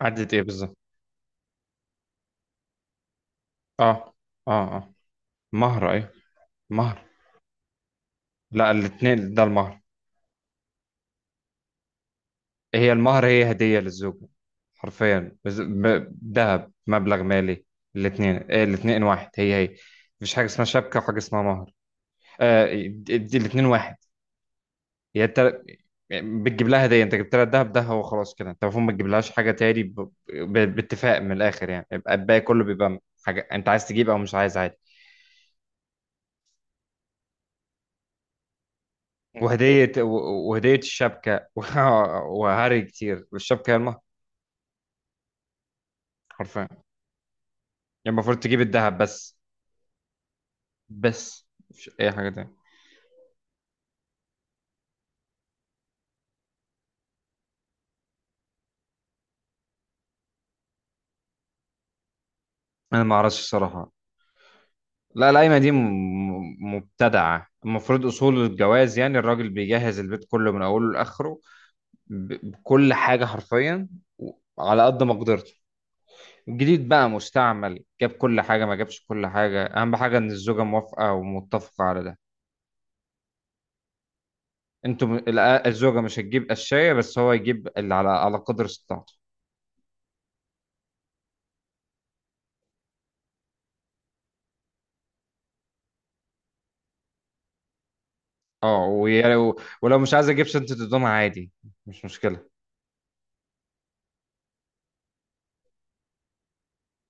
عدة ايه بالظبط؟ اه اه اه. مهر، ايوه. مهر. لا، الاثنين ده المهر. هي المهر، هي هدية للزوجة. حرفيا ذهب، مبلغ مالي. الاثنين إيه؟ الاثنين واحد، هي هي. مفيش حاجة اسمها شبكة وحاجة اسمها مهر. آه. دي الاثنين واحد. هي انت بتجيب لها هدية، انت جبت لها الذهب ده، هو خلاص كده. انت المفروض ما تجيبلهاش حاجة تاني، باتفاق من الاخر يعني، يبقى الباقي كله بيبقى حاجة انت عايز تجيب او مش عايز، عادي. وهدية الشبكة وهري كتير، والشبكة هي المهر. حرفيا يعني، المفروض تجيب الذهب بس. بس مش أي حاجة تانية. أنا ما أعرفش الصراحة. لا، القايمة دي مبتدعة. المفروض أصول الجواز يعني الراجل بيجهز البيت كله من أوله لآخره، بكل حاجة حرفيا، و- على قد مقدرته. جديد بقى مستعمل، جاب كل حاجة ما جابش كل حاجة، أهم حاجة إن الزوجة موافقة ومتفقة على ده. انتوا الزوجه مش هتجيب قشايه، بس هو يجيب اللي على قدر استطاعته. اه، ولو مش عايز اجيب سنت الدمعه، عادي. مش مشكله.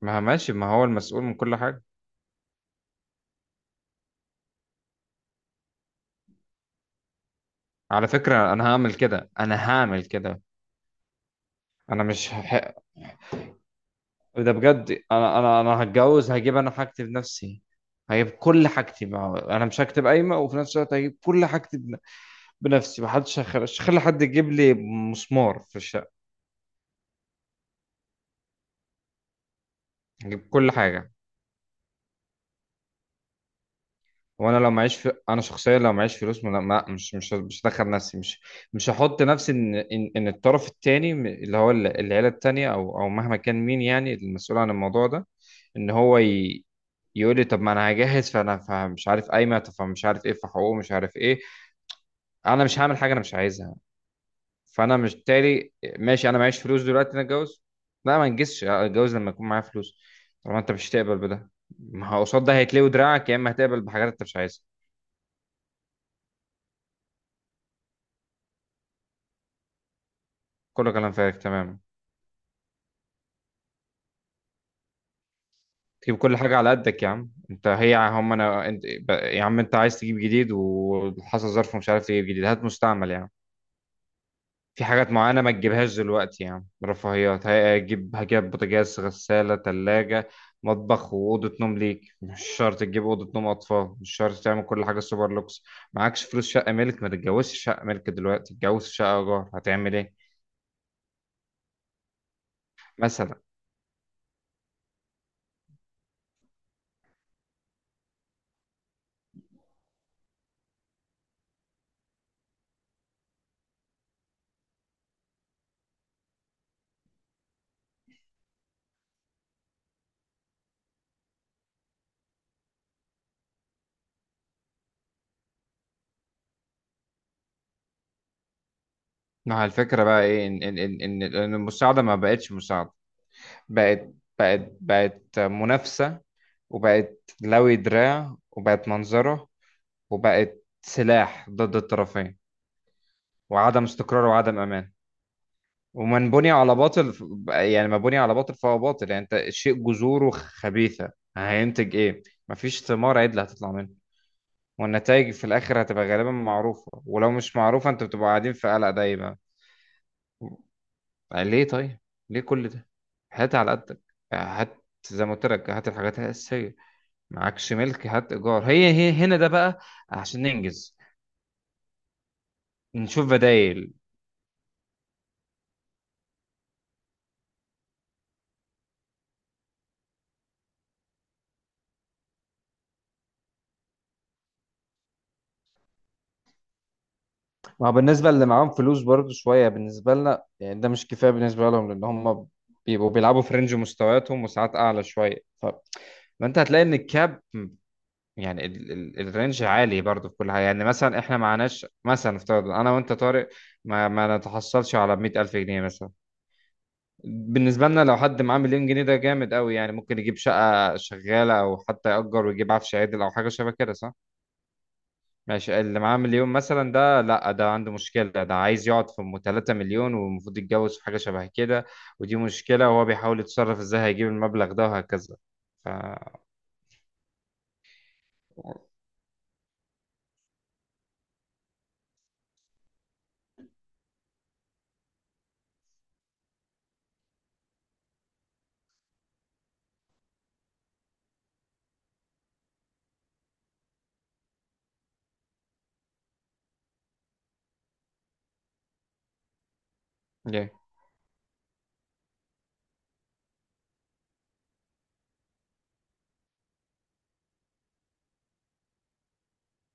ما هو ماشي، ما هو المسؤول من كل حاجه. على فكره، انا هعمل كده. انا مش هح... ده بجد، انا هتجوز، هجيب انا حاجتي بنفسي. هجيب كل حاجتي بقى. انا مش هكتب قايمه وفي نفس الوقت هجيب كل حاجتي بنفسي. مش هخلي حد يجيب لي مسمار في الشقه. هجيب كل حاجه. وانا انا شخصيا لو معيش فلوس، ما... ما... مش هدخل نفسي، مش هحط نفسي ان إن الطرف التاني العيله التانيه او مهما كان مين يعني المسؤول عن الموضوع ده، ان هو يقول لي طب ما انا هجهز، فمش عارف قايمه، طب فمش عارف ايه في حقوقه، مش عارف ايه. انا مش هعمل حاجه انا مش عايزها. فانا مش تالي. ماشي، انا معيش فلوس دلوقتي، انا اتجوز؟ لا، ما انجزش، اتجوز لما يكون معايا فلوس. طالما انت مش هتقبل بده، ما هو قصاد ده هيتلوي دراعك، يا اما هتقبل بحاجات انت مش عايزها. كله كلام فارغ، تمام. تجيب كل حاجة على قدك يا عم، انت هي هم انا انت يا عم، انت عايز تجيب جديد وحصل ظرف ومش عارف تجيب جديد، هات مستعمل يا عم. في حاجات معينة ما تجيبهاش دلوقتي يا عم، رفاهيات. هجيب بوتاجاز، غسالة، تلاجة، مطبخ، وأوضة نوم ليك. مش شرط تجيب أوضة نوم أطفال، مش شرط تعمل كل حاجة سوبر لوكس. معكش فلوس شقة ملك، ما تتجوزش شقة ملك دلوقتي، تتجوز شقة إيجار. هتعمل إيه؟ مثلا. ما هو الفكرة بقى إيه؟ إن المساعدة ما بقتش مساعدة، بقت بقت منافسة، وبقت لوي دراع، وبقت منظرة، وبقت سلاح ضد الطرفين، وعدم استقرار وعدم أمان، ومن بني على باطل. يعني ما بني على باطل فهو باطل. يعني انت الشيء جذوره خبيثة، هينتج ايه؟ مفيش ثمار عدل هتطلع منه. والنتائج في الاخر هتبقى غالبا معروفة، ولو مش معروفة انت بتبقى قاعدين في قلق دايما. ليه طيب؟ ليه كل ده؟ هات على قدك، هات زي ما قلت لك، هات الحاجات الأساسية. معكش ملك، هات ايجار، هي هي هنا ده بقى، عشان ننجز، نشوف بدايل. ما هو بالنسبة اللي معاهم فلوس برضو شوية بالنسبة لنا، يعني ده مش كفاية بالنسبة لهم، لأن هم بيبقوا بيلعبوا في رينج مستوياتهم وساعات أعلى شوية. فأنت هتلاقي إن الكاب، يعني الرينج عالي برضو في كل حاجة. يعني مثلا إحنا معناش، مثلا افترض أنا وأنت طارق ما نتحصلش على 100,000 جنيه مثلا. بالنسبة لنا لو حد معاه مليون جنيه ده جامد قوي، يعني ممكن يجيب شقة شغالة أو حتى يأجر ويجيب عفش عادل أو حاجة شبه كده، صح؟ ماشي، اللي معاه مليون مثلا ده لا، ده عنده مشكلة، ده عايز يقعد في 3 مليون، والمفروض يتجوز في حاجة شبه كده. ودي مشكلة، وهو بيحاول يتصرف ازاي هيجيب المبلغ ده، وهكذا. ف yeah.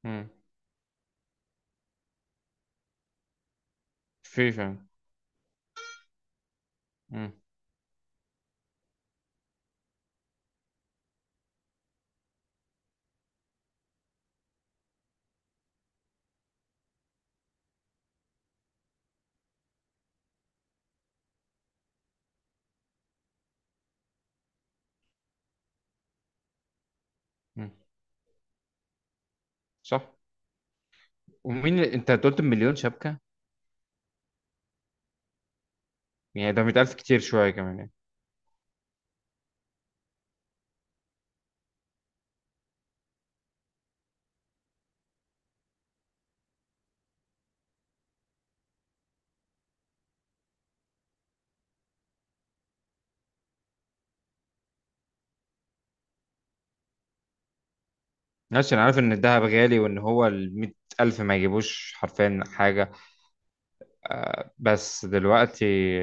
مم. في فعلا. مم. مم. صح. انت قلت مليون شبكة؟ يعني ده 100,000 كتير شوية كمان يعني. ماشي، انا عارف ان الذهب غالي، وان هو ال 100,000 ما يجيبوش حرفيا حاجة. بس دلوقتي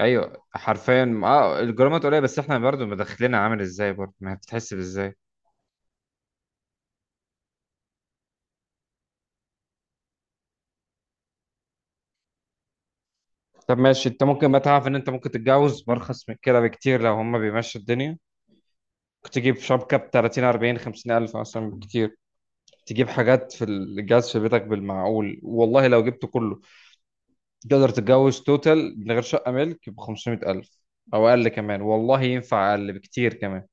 ايوه، حرفيا اه الجرامات قليلة، بس احنا برضو مدخلنا عامل ازاي، برضو ما بتتحسب ازاي؟ طب ماشي، انت ممكن بقى تعرف ان انت ممكن تتجوز بارخص من كده بكتير لو هما بيمشوا الدنيا. ممكن تجيب شبكة ب 30 40 50 الف اصلا بكتير. تجيب حاجات في الجهاز في بيتك بالمعقول، والله لو جبته كله تقدر تتجوز توتال من غير شقة ملك ب 500 الف، او اقل كمان، والله ينفع اقل بكتير كمان.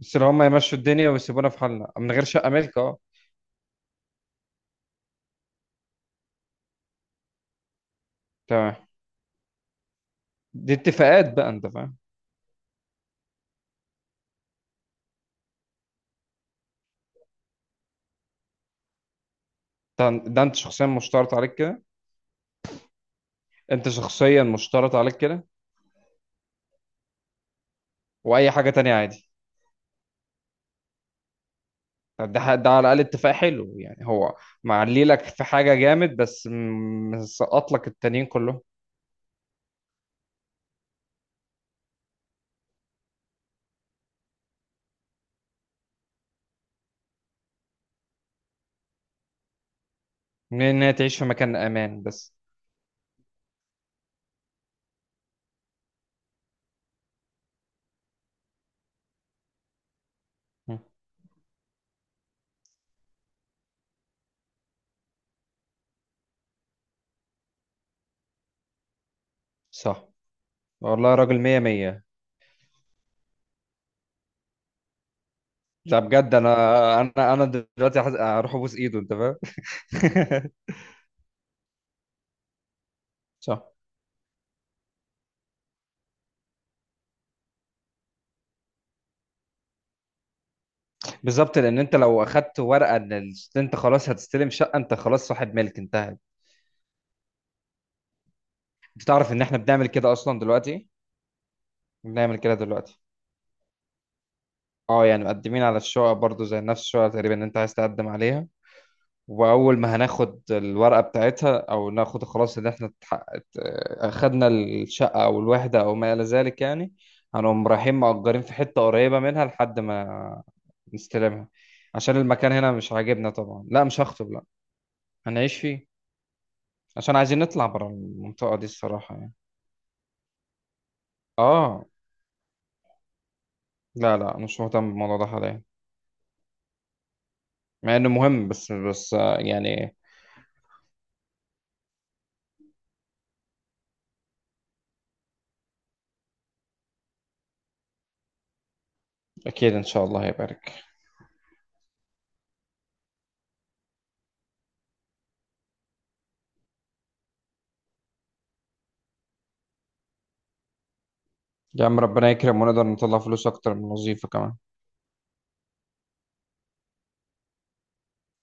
بس لو هما يمشوا الدنيا ويسيبونا في حالنا من غير شقة ملك، اه. تمام. دي اتفاقات بقى، انت فاهم؟ ده انت شخصيا مشترط عليك كده؟ انت شخصيا مشترط عليك كده. واي حاجة تانية عادي. طب ده على الاقل اتفاق حلو يعني، هو معلي لك في حاجه جامد، بس مسقط لك التانيين كلهم. من ان هي تعيش في مكان امان بس. م. صح. والله، راجل مية مية. ده بجد، انا دلوقتي هروح ابوس ايده، انت فاهم؟ صح. بالظبط، لان انت لو اخدت ورقه ان انت خلاص هتستلم شقه، انت خلاص صاحب ملك، انتهت. انت تعرف ان احنا بنعمل كده اصلا دلوقتي؟ بنعمل كده دلوقتي. اه، يعني مقدمين على الشقق برضو زي نفس الشقه تقريبا اللي انت عايز تقدم عليها. واول ما هناخد الورقه بتاعتها، او ناخد خلاص ان احنا اتحققت، اخدنا الشقه او الوحده او ما الى ذلك يعني، هنقوم رايحين مأجرين في حته قريبه منها لحد ما نستلمها، عشان المكان هنا مش عاجبنا طبعا. لا، مش هخطب، لا، هنعيش فيه، عشان عايزين نطلع بره المنطقه دي الصراحه يعني. اه. لا لا، مش مهتم بالموضوع ده حاليا، مع انه مهم، بس يعني. اكيد ان شاء الله هيبارك. يا عم، ربنا يكرم ونقدر نطلع فلوس اكتر من الوظيفه كمان.